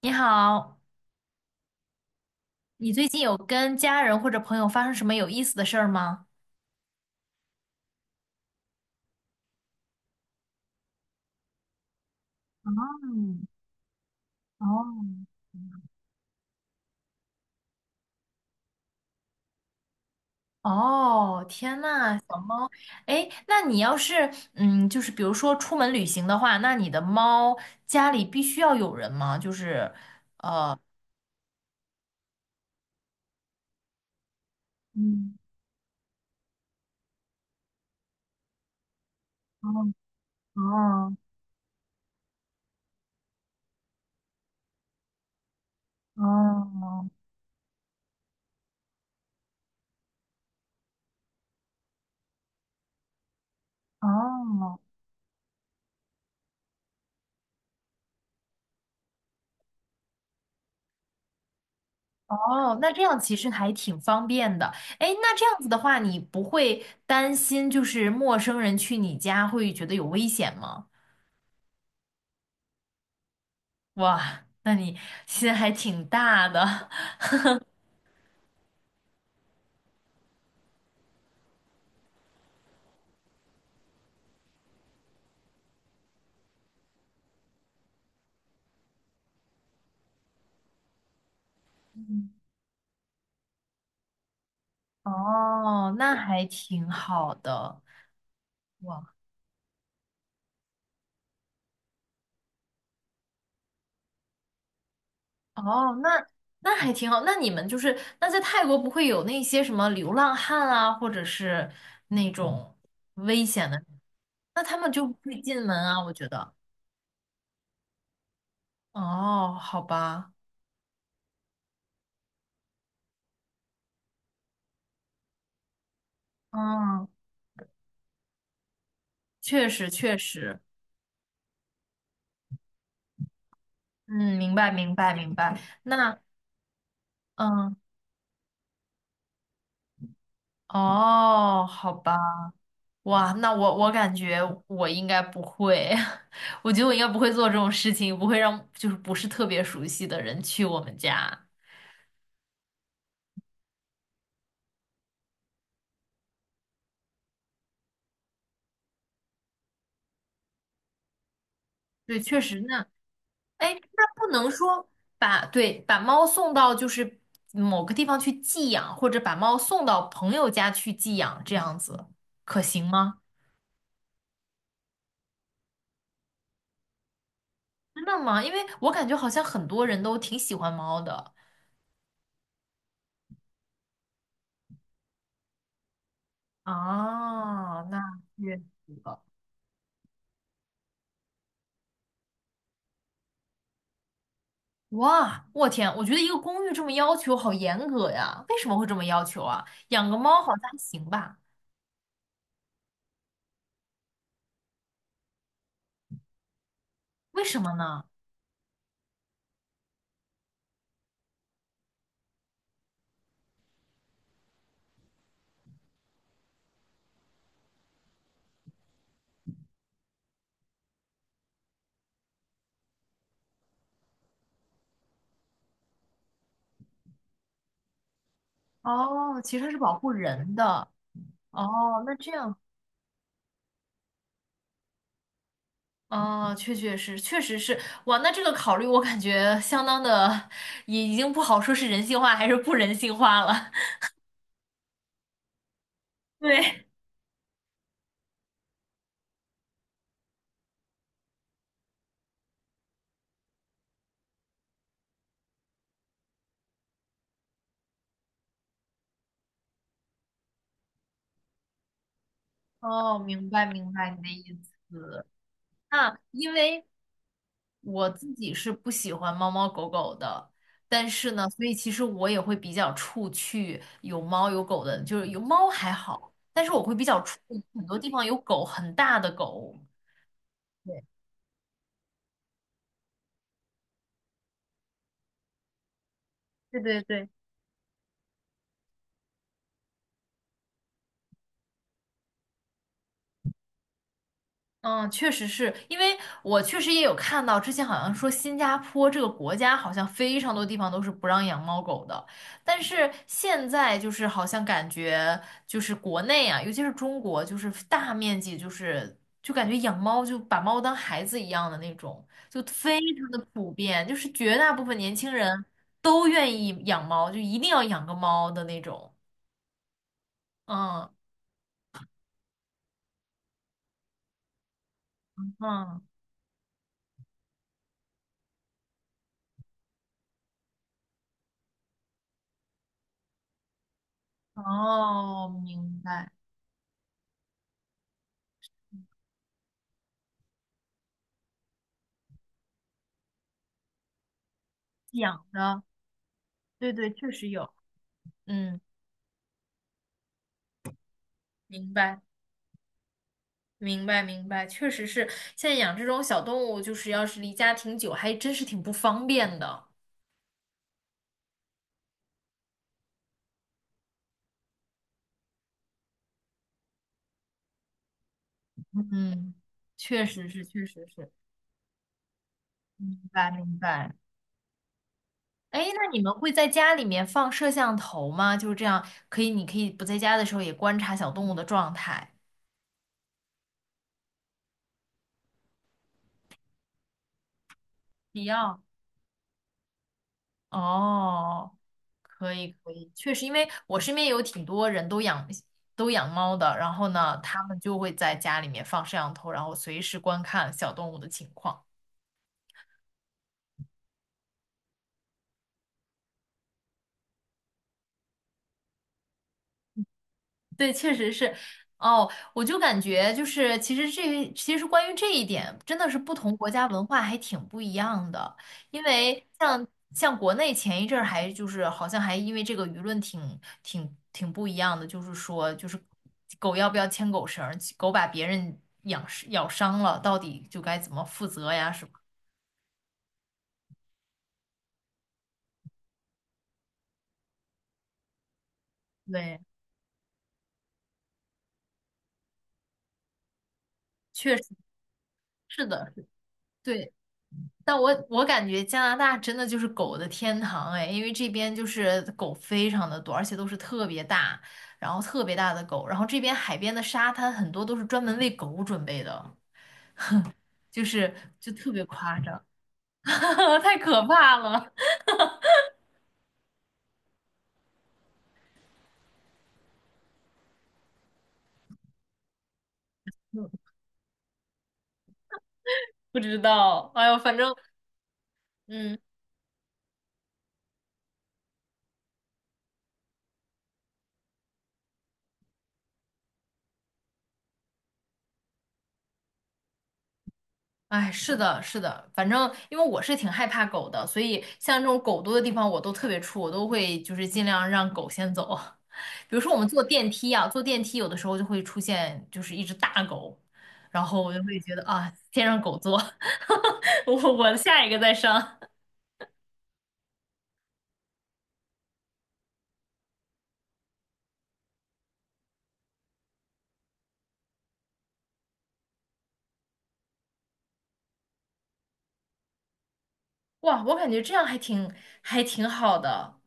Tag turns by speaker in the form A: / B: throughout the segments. A: 你好，你最近有跟家人或者朋友发生什么有意思的事儿吗？嗯。哦。哦，天呐，小猫。哎，那你要是就是比如说出门旅行的话，那你的猫家里必须要有人吗？就是嗯。哦。哦。哦。哦。哦，那这样其实还挺方便的。哎，那这样子的话，你不会担心就是陌生人去你家会觉得有危险吗？哇，那你心还挺大的。嗯。哦，那还挺好的。哇。哦，那那还挺好。那你们就是那在泰国不会有那些什么流浪汉啊，或者是那种危险的，那他们就不会进门啊，我觉得。哦，好吧。嗯，确实确实。嗯，明白明白明白。那嗯。哦，好吧。哇，那我感觉我应该不会。我觉得我应该不会做这种事情，不会让就是不是特别熟悉的人去我们家。对，确实那。哎，那不能说把对把猫送到就是某个地方去寄养，或者把猫送到朋友家去寄养，这样子可行吗？真的吗？因为我感觉好像很多人都挺喜欢猫的。啊，那确实。哇，我天，我觉得一个公寓这么要求好严格呀，为什么会这么要求啊？养个猫好像还行吧？为什么呢？哦，其实它是保护人的。哦，那这样。哦，确确实，确实是。哇，那这个考虑我感觉相当的，已已经不好说是人性化还是不人性化了。对。哦，明白明白你的意思。那因为我自己是不喜欢猫猫狗狗的，但是呢，所以其实我也会比较怵去有猫有狗的，就是有猫还好，但是我会比较怵很多地方有狗，很大的狗。对，对对对。嗯，确实是因为我确实也有看到，之前好像说新加坡这个国家好像非常多地方都是不让养猫狗的，但是现在就是好像感觉就是国内啊，尤其是中国，就是大面积就是就感觉养猫就把猫当孩子一样的那种，就非常的普遍，就是绝大部分年轻人都愿意养猫，就一定要养个猫的那种。嗯嗯。哦，明白，养的，对对，确实有。嗯，明白，明白，明白，确实是，现在养这种小动物，就是要是离家挺久，还真是挺不方便的。嗯，确实是，确实是，明白，明白。哎，那你们会在家里面放摄像头吗？就是这样，可以，你可以不在家的时候也观察小动物的状态。必要。哦，可以，可以，确实，因为我身边有挺多人都养都养猫的，然后呢，他们就会在家里面放摄像头，然后随时观看小动物的情况。对，确实是。哦，我就感觉就是，其实这其实关于这一点，真的是不同国家文化还挺不一样的。因为像像国内前一阵儿还就是好像还因为这个舆论挺挺挺不一样的，就是说就是狗要不要牵狗绳儿，狗把别人养咬伤了，到底就该怎么负责呀什么？对，确实是的，对。但我感觉加拿大真的就是狗的天堂哎，因为这边就是狗非常的多，而且都是特别大，然后特别大的狗，然后这边海边的沙滩很多都是专门为狗准备的，就是就特别夸张。太可怕了。不知道，哎呦，反正嗯。哎，是的，是的，反正因为我是挺害怕狗的，所以像这种狗多的地方我都特别怵，我都会就是尽量让狗先走。比如说我们坐电梯啊，坐电梯有的时候就会出现就是一只大狗，然后我就会觉得啊，先让狗坐。我下一个再上。哇，我感觉这样还挺还挺好的。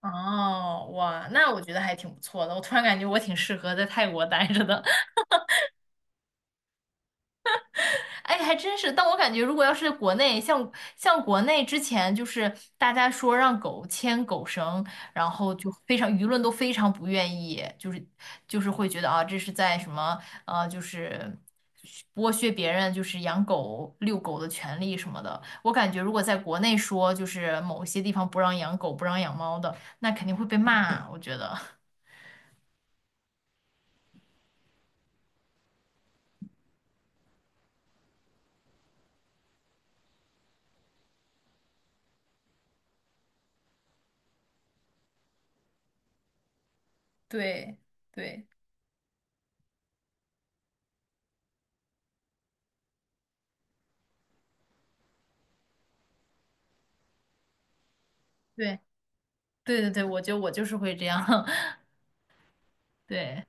A: 哦，哇，那我觉得还挺不错的。我突然感觉我挺适合在泰国待着的。哎，还真是。但我感觉，如果要是国内，像像国内之前，就是大家说让狗牵狗绳，然后就非常舆论都非常不愿意，就是就是会觉得啊，这是在什么就是剥削别人，就是养狗遛狗的权利什么的。我感觉，如果在国内说，就是某些地方不让养狗、不让养猫的，那肯定会被骂。我觉得。对对，对对对对，我觉得我就是会这样。对。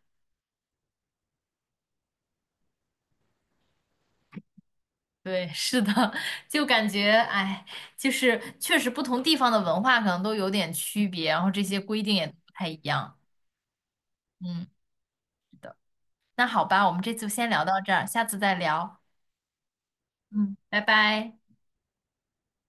A: 对，是的。就感觉，哎，就是确实不同地方的文化可能都有点区别，然后这些规定也不太一样。嗯，是的。那好吧，我们这次先聊到这儿，下次再聊。嗯，拜拜。